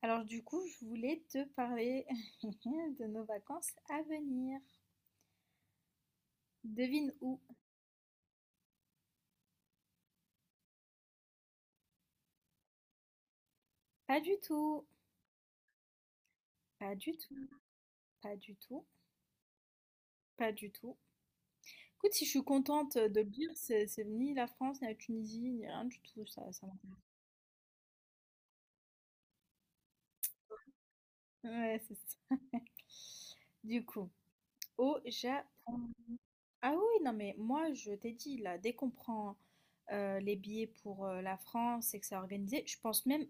Alors du coup, je voulais te parler de nos vacances à venir. Devine où? Pas du tout, pas du tout, pas du tout, pas du tout. Écoute, si je suis contente de le dire, c'est ni la France, ni la Tunisie, ni rien du tout, ça m'intéresse. Ouais, c'est ça. Du coup, au Japon. Ah oui, non mais moi, je t'ai dit, là, dès qu'on prend les billets pour la France et que c'est organisé, je pense même.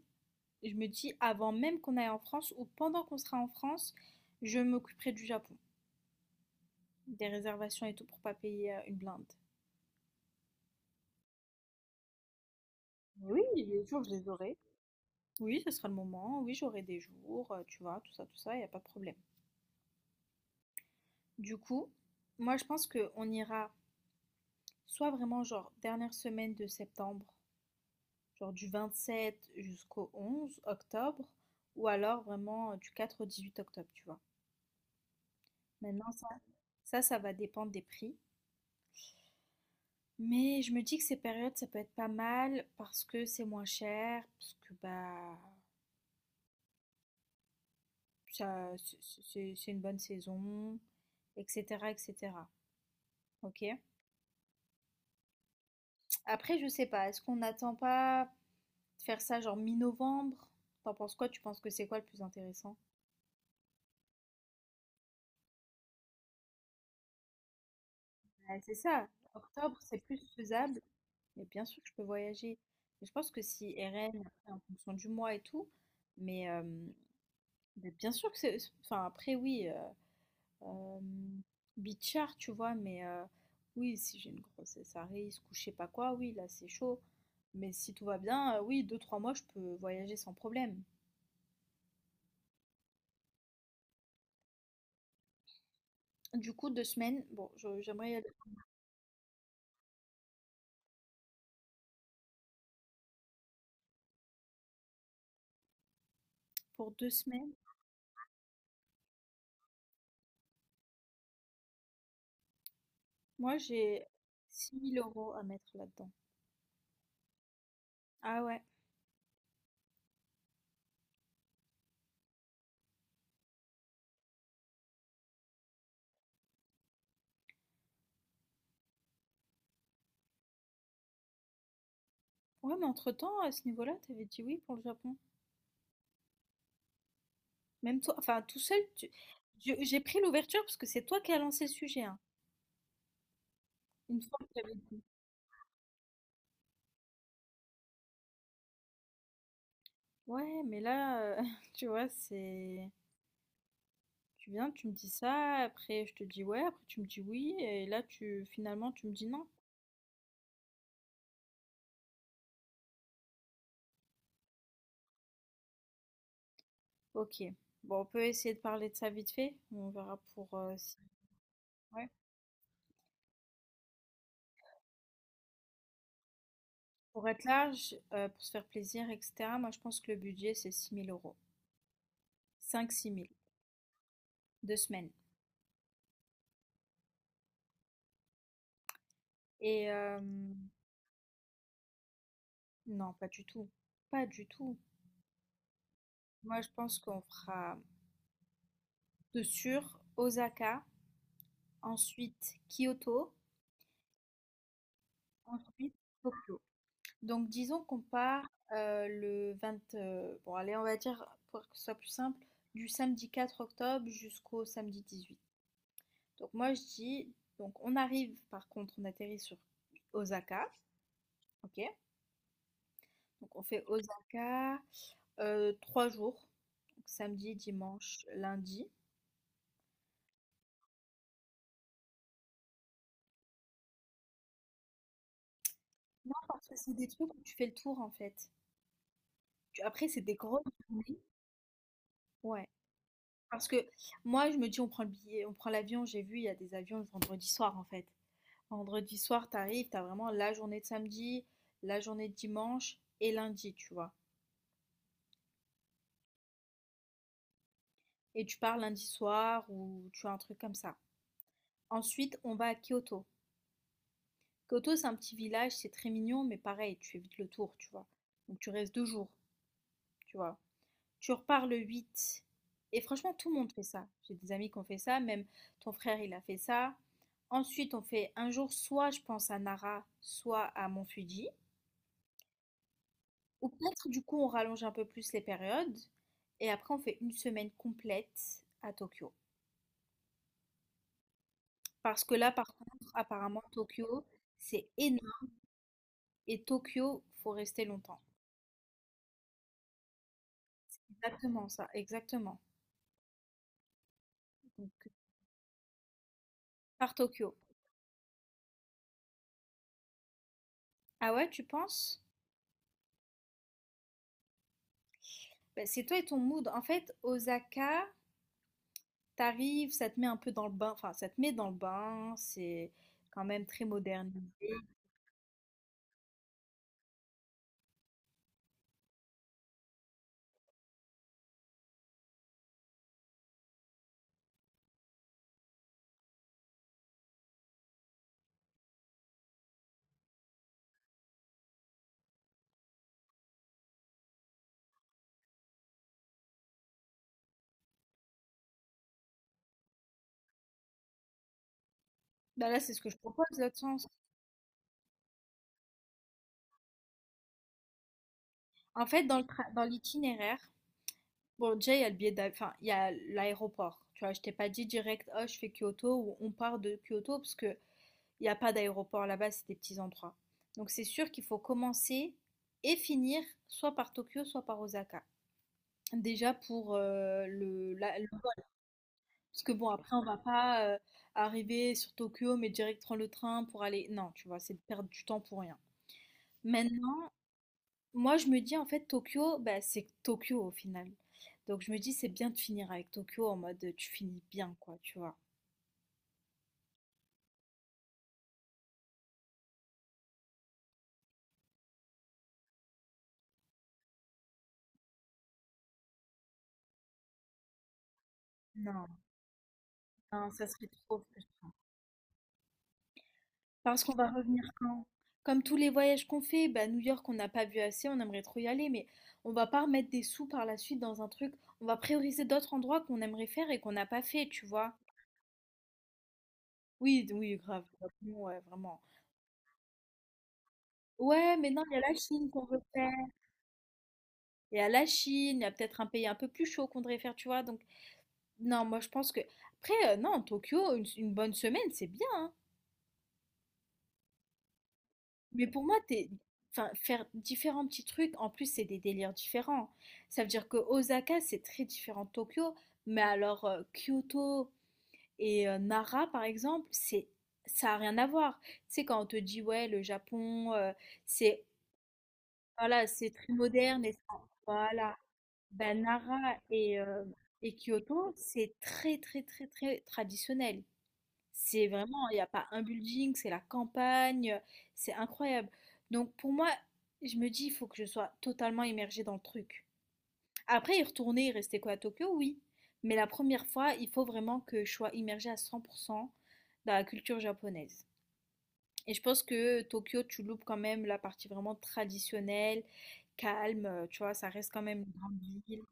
Je me dis, avant même qu'on aille en France ou pendant qu'on sera en France, je m'occuperai du Japon, des réservations et tout pour pas payer une blinde. Oui, les jours, je les aurai. Oui, ce sera le moment, oui, j'aurai des jours, tu vois, tout ça, il n'y a pas de problème. Du coup, moi je pense qu'on ira soit vraiment genre dernière semaine de septembre, genre du 27 jusqu'au 11 octobre, ou alors vraiment du 4 au 18 octobre, tu vois. Maintenant, ça va dépendre des prix. Mais je me dis que ces périodes, ça peut être pas mal parce que c'est moins cher, parce que bah ça c'est une bonne saison, etc. etc. Ok? Après, je sais pas, est-ce qu'on n'attend pas de faire ça genre mi-novembre? T'en penses quoi? Tu penses que c'est quoi le plus intéressant? Ouais, c'est ça, octobre c'est plus faisable, mais bien sûr que je peux voyager. Mais je pense que si RN, après en fonction du mois et tout, mais euh, mais bien sûr que c'est. Enfin, après, oui. Euh, Bichard, tu vois, mais oui, si j'ai une grossesse à risque ou je sais pas quoi, oui, là c'est chaud. Mais si tout va bien, oui, deux, 3 mois, je peux voyager sans problème. Du coup, 2 semaines, bon, j'aimerais y aller pour 2 semaines. Moi, j'ai 6 000 € à mettre là-dedans. Ah ouais. Ouais, mais entre-temps, à ce niveau-là, t'avais dit oui pour le Japon. Même toi, enfin, tout seul, tu- j'ai pris l'ouverture parce que c'est toi qui as lancé le sujet, hein. Une fois, que avais dit. Ouais, mais là, tu vois, c'est... Tu viens, tu me dis ça, après je te dis ouais, après tu me dis oui, et là tu finalement tu me dis non. Ok. Bon, on peut essayer de parler de ça vite fait. On verra pour si- ouais. Pour être large, pour se faire plaisir, etc. Moi, je pense que le budget c'est six mille euros. Cinq six mille. 2 semaines. Et non, pas du tout. Pas du tout. Moi, je pense qu'on fera de sûr Osaka, ensuite Kyoto, ensuite Tokyo. Donc disons qu'on part le 20, bon allez, on va dire pour que ce soit plus simple, du samedi 4 octobre jusqu'au samedi 18. Donc moi je dis, donc on arrive par contre, on atterrit sur Osaka, ok? Donc on fait Osaka 3 jours, donc samedi, dimanche, lundi. Non, parce que c'est des trucs où tu fais le tour en fait. Tu- après c'est des grosses journées. Ouais. Parce que moi je me dis on prend le billet, on prend l'avion, j'ai vu il y a des avions le vendredi soir en fait. Vendredi soir, t'arrives, t'as vraiment la journée de samedi, la journée de dimanche et lundi, tu vois. Et tu pars lundi soir ou tu as un truc comme ça. Ensuite, on va à Kyoto. Kyoto, c'est un petit village, c'est très mignon, mais pareil, tu fais vite le tour, tu vois. Donc tu restes 2 jours, tu vois. Tu repars le 8. Et franchement, tout le monde fait ça. J'ai des amis qui ont fait ça, même ton frère, il a fait ça. Ensuite, on fait un jour soit, je pense, à Nara, soit à Mont Fuji. Ou peut-être du coup on rallonge un peu plus les périodes et après on fait une semaine complète à Tokyo. Parce que là par contre, apparemment Tokyo, c'est énorme et Tokyo, faut rester longtemps. Exactement ça, exactement. Donc par Tokyo. Ah ouais, tu penses? Ben, c'est toi et ton mood. En fait, Osaka, t'arrives, ça te met un peu dans le bain, enfin ça te met dans le bain, c'est quand même très moderne. Ben là, c'est ce que je propose, l'autre sens. En fait, dans l'itinéraire. Bon, déjà, il y a le billet d'av- enfin, il y a l'aéroport. Tu vois, je t'ai pas dit direct, oh, je fais Kyoto ou on part de Kyoto parce que il n'y a pas d'aéroport là-bas, c'est des petits endroits. Donc, c'est sûr qu'il faut commencer et finir soit par Tokyo, soit par Osaka. Déjà pour Parce que bon, après, on va pas arriver sur Tokyo, mais direct prendre le train pour aller. Non, tu vois, c'est de perdre du temps pour rien. Moi, je me dis en fait Tokyo, bah, c'est Tokyo au final. Donc je me dis c'est bien de finir avec Tokyo en mode tu finis bien quoi, tu vois. Non, non, ça serait trop frustrant. Parce qu'on va revenir quand? Comme tous les voyages qu'on fait, bah, New York on n'a pas vu assez, on aimerait trop y aller, mais on va pas remettre des sous par la suite dans un truc. On va prioriser d'autres endroits qu'on aimerait faire et qu'on n'a pas fait, tu vois. Oui, oui, grave. Grave, non, ouais, vraiment. Ouais, mais non, il y a la Chine qu'on veut faire. Il y a la Chine, il y a peut-être un pays un peu plus chaud qu'on devrait faire, tu vois. Donc non, moi je pense que. Après, non, Tokyo, une bonne semaine, c'est bien. Mais pour moi, t'es... Enfin, faire différents petits trucs, en plus, c'est des délires différents. Ça veut dire que Osaka, c'est très différent de Tokyo. Mais alors, Kyoto et Nara, par exemple, c'est ça n'a rien à voir. Tu sais, quand on te dit, ouais, le Japon, c'est voilà, c'est très moderne. Et... Voilà. Ben, Nara et Kyoto, c'est très, très, très, très traditionnel. C'est vraiment, il n'y a pas un building, c'est la campagne, c'est incroyable. Donc pour moi, je me dis, il faut que je sois totalement immergée dans le truc. Après, y retourner et rester quoi à Tokyo, oui. Mais la première fois, il faut vraiment que je sois immergée à 100% dans la culture japonaise. Et je pense que Tokyo, tu loupes quand même la partie vraiment traditionnelle, calme, tu vois, ça reste quand même une grande ville.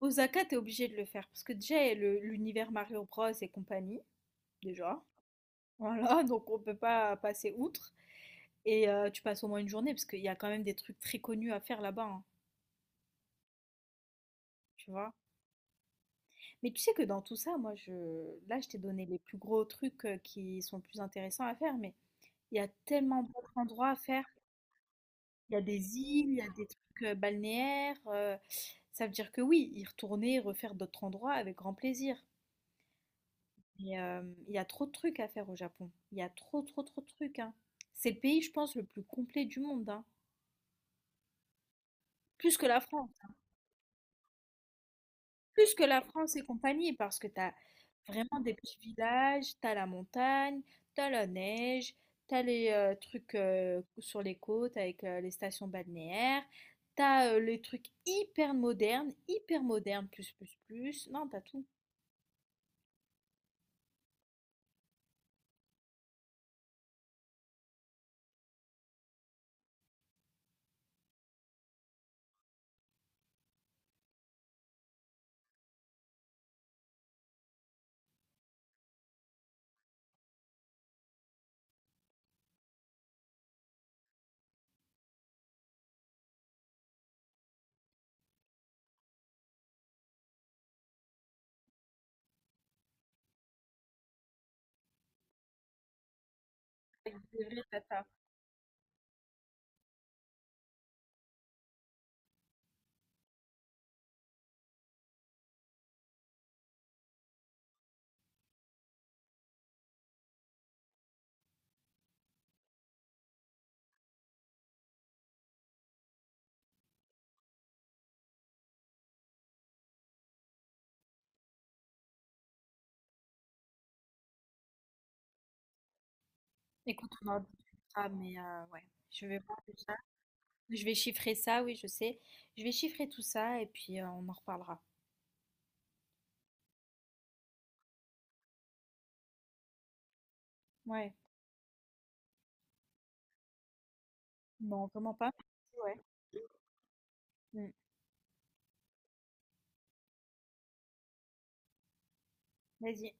Osaka, t'es obligé de le faire parce que déjà, il y a l'univers Mario Bros et compagnie, déjà. Voilà, donc on peut pas passer outre. Et tu passes au moins une journée, parce qu'il y a quand même des trucs très connus à faire là-bas, hein, tu vois. Mais tu sais que dans tout ça, moi, je... Là, je t'ai donné les plus gros trucs qui sont plus intéressants à faire, mais il y a tellement d'autres endroits à faire. Il y a des îles, il y a des trucs balnéaires. Ça veut dire que oui, y retourner, refaire d'autres endroits avec grand plaisir. Mais il y a trop de trucs à faire au Japon. Il y a trop, trop, trop de trucs, hein. C'est le pays, je pense, le plus complet du monde, hein. Plus que la France. Plus que la France et compagnie, parce que tu as vraiment des petits villages, tu as la montagne, tu as la neige, tu as les trucs sur les côtes avec les stations balnéaires, tu as les trucs hyper modernes, plus, plus, plus. Non, tu as tout. C'est vrai, t'as ça. Écoute, on en discutera, mais ouais, je vais voir déjà. Je vais chiffrer ça, oui, je sais. Je vais chiffrer tout ça et puis on en reparlera. Ouais, non, vraiment pas. Ouais. Mm. Vas-y.